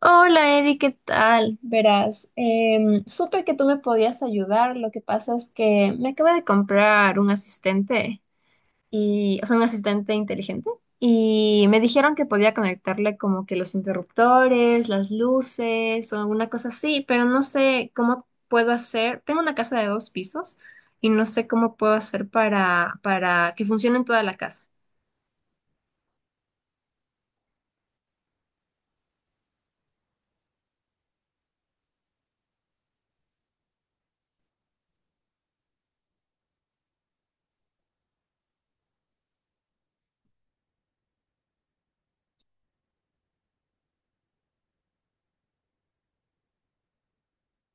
Hola Eddie, ¿qué tal? Verás, supe que tú me podías ayudar. Lo que pasa es que me acabo de comprar un asistente y, o sea, un asistente inteligente y me dijeron que podía conectarle como que los interruptores, las luces o alguna cosa así, pero no sé cómo puedo hacer. Tengo una casa de dos pisos y no sé cómo puedo hacer para que funcione en toda la casa.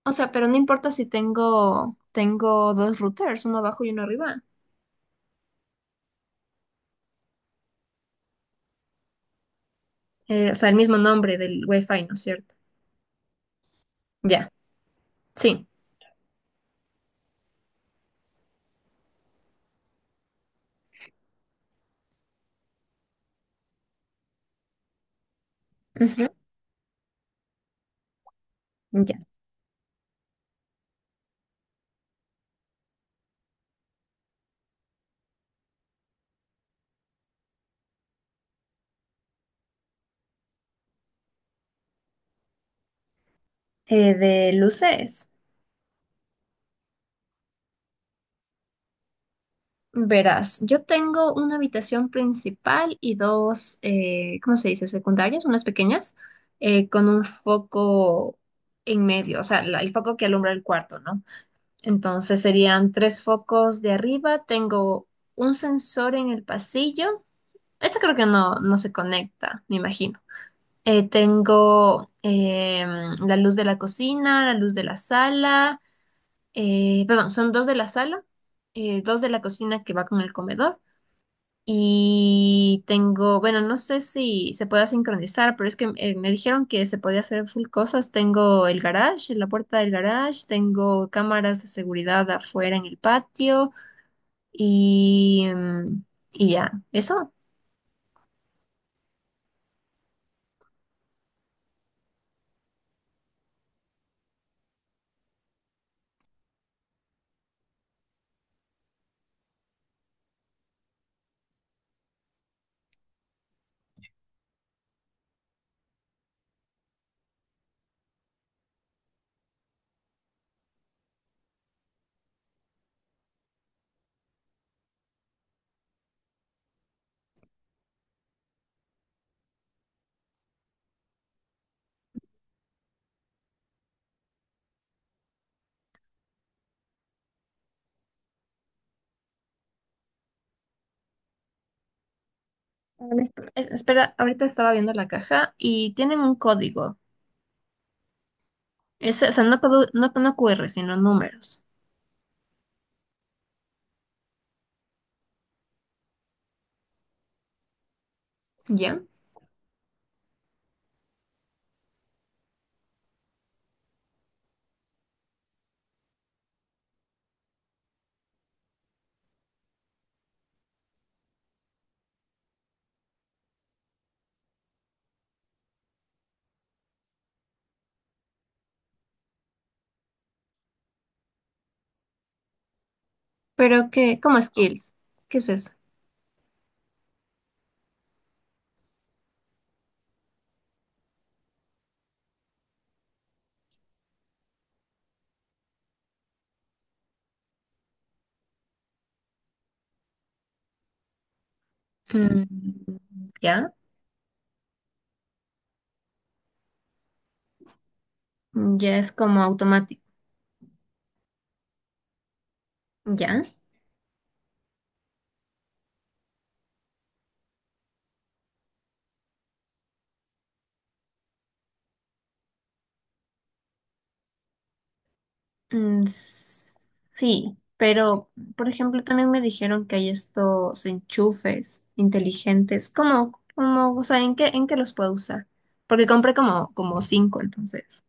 O sea, pero no importa si tengo dos routers, uno abajo y uno arriba. O sea, el mismo nombre del Wi-Fi, ¿no es cierto? Ya, sí. Ujú. Ya. De luces. Verás, yo tengo una habitación principal y dos, ¿cómo se dice? Secundarias, unas pequeñas, con un foco en medio, o sea, el foco que alumbra el cuarto, ¿no? Entonces serían tres focos de arriba. Tengo un sensor en el pasillo. Este creo que no, no se conecta, me imagino. Tengo la luz de la cocina, la luz de la sala, perdón, son dos de la sala, dos de la cocina que va con el comedor. Y tengo, bueno, no sé si se pueda sincronizar, pero es que me dijeron que se podía hacer full cosas. Tengo el garage, la puerta del garage, tengo cámaras de seguridad afuera en el patio y, em, y ya, eso. Ah, espera, ahorita estaba viendo la caja y tienen un código. Es, o sea, no, todo no, no QR, sino números. ¿Ya? Pero qué como skills. ¿Qué es eso? Mm, ¿ya? Ya es como automático. ¿Ya? Mm, sí, pero, por ejemplo, también me dijeron que hay estos enchufes inteligentes. ¿Cómo, o sea, en qué los puedo usar? Porque compré como cinco, entonces.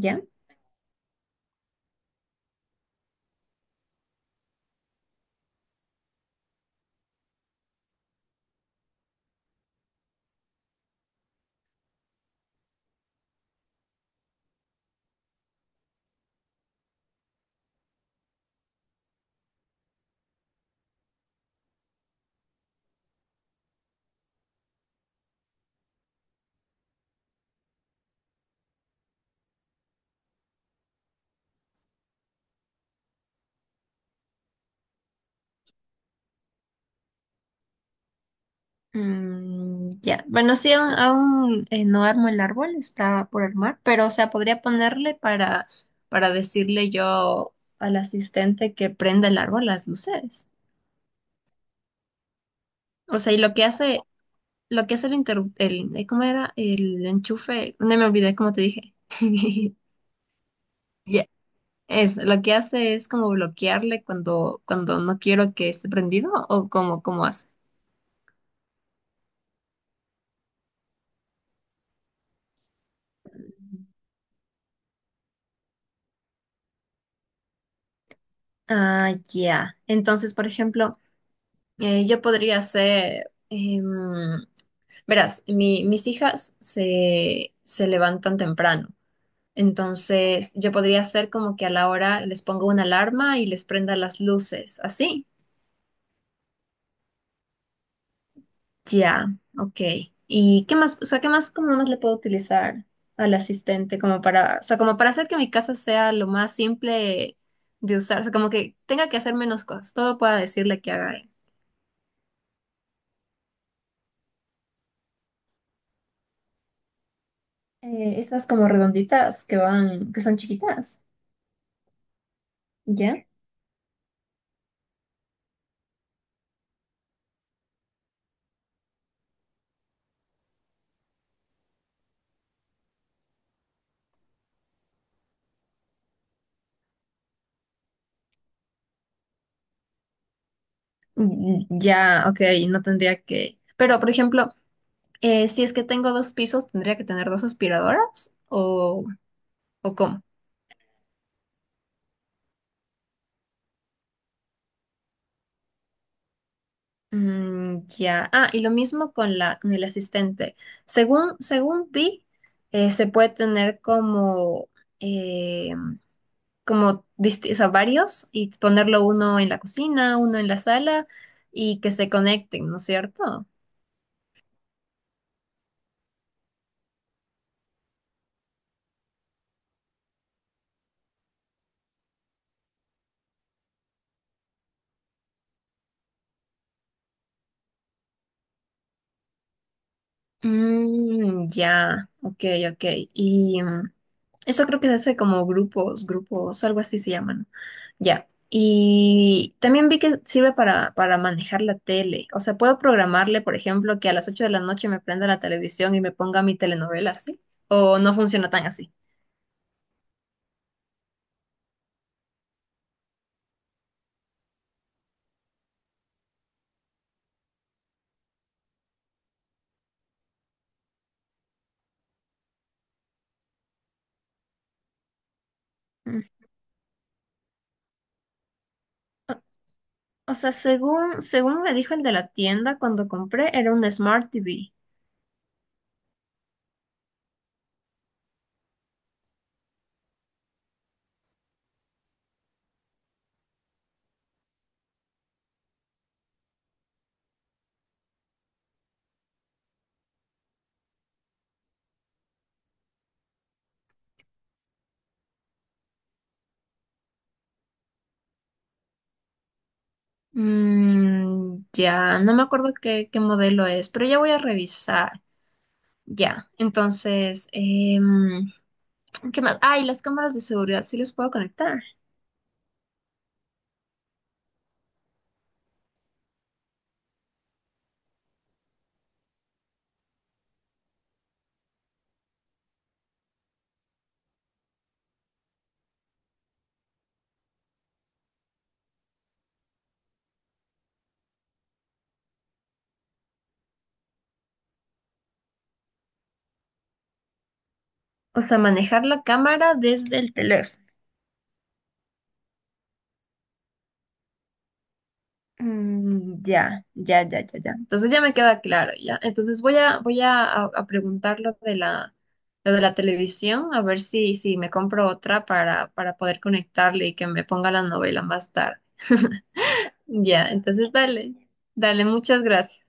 Ya. Mm, ya, bueno, sí, aún, no armo el árbol, está por armar, pero o sea, podría ponerle para decirle yo al asistente que prenda el árbol las luces. O sea, y lo que hace el interruptor, el, ¿cómo era? El enchufe, no me olvidé cómo te dije. Ya. Es, lo que hace es como bloquearle cuando no quiero que esté prendido o como, cómo hace. Ah, ya. Entonces, por ejemplo. Yo podría ser, verás, mis hijas se levantan temprano, entonces yo podría ser como que a la hora les pongo una alarma y les prenda las luces, así. Ya, ok. ¿Y qué más, o sea, qué más, cómo más le puedo utilizar al asistente como para, o sea, como para hacer que mi casa sea lo más simple de usar, o sea, como que tenga que hacer menos cosas, todo pueda decirle que haga? Esas como redonditas que van, que son chiquitas, ¿ya? Mm, ya, ok, no tendría que. Pero, por ejemplo, si es que tengo dos pisos, ¿tendría que tener dos aspiradoras? ¿O cómo? Mm, ya. Ah, y lo mismo con la, con el asistente. Según vi, se puede tener eh, como o sea, varios y ponerlo uno en la cocina, uno en la sala y que se conecten, ¿no es cierto? Mm, ya, ok, ok. Y eso creo que se hace como grupos, grupos, algo así se llaman. Ya. Y también vi que sirve para manejar la tele. O sea, puedo programarle, por ejemplo, que a las 8 de la noche me prenda la televisión y me ponga mi telenovela, ¿sí? O no funciona tan así. Mm. O o sea, según me dijo el de la tienda cuando compré, era un Smart TV. Mm, ya, no me acuerdo qué, modelo es, pero ya voy a revisar. Ya, entonces, ¿qué más? Ay, las cámaras de seguridad sí los puedo conectar. O sea, manejar la cámara desde el teléfono. Mm, ya, ya, ya, ya, ya. Entonces ya me queda claro, ya. Entonces voy a preguntar lo de la televisión, a ver si me compro otra para poder conectarle y que me ponga la novela más tarde. Ya, entonces dale, dale, muchas gracias.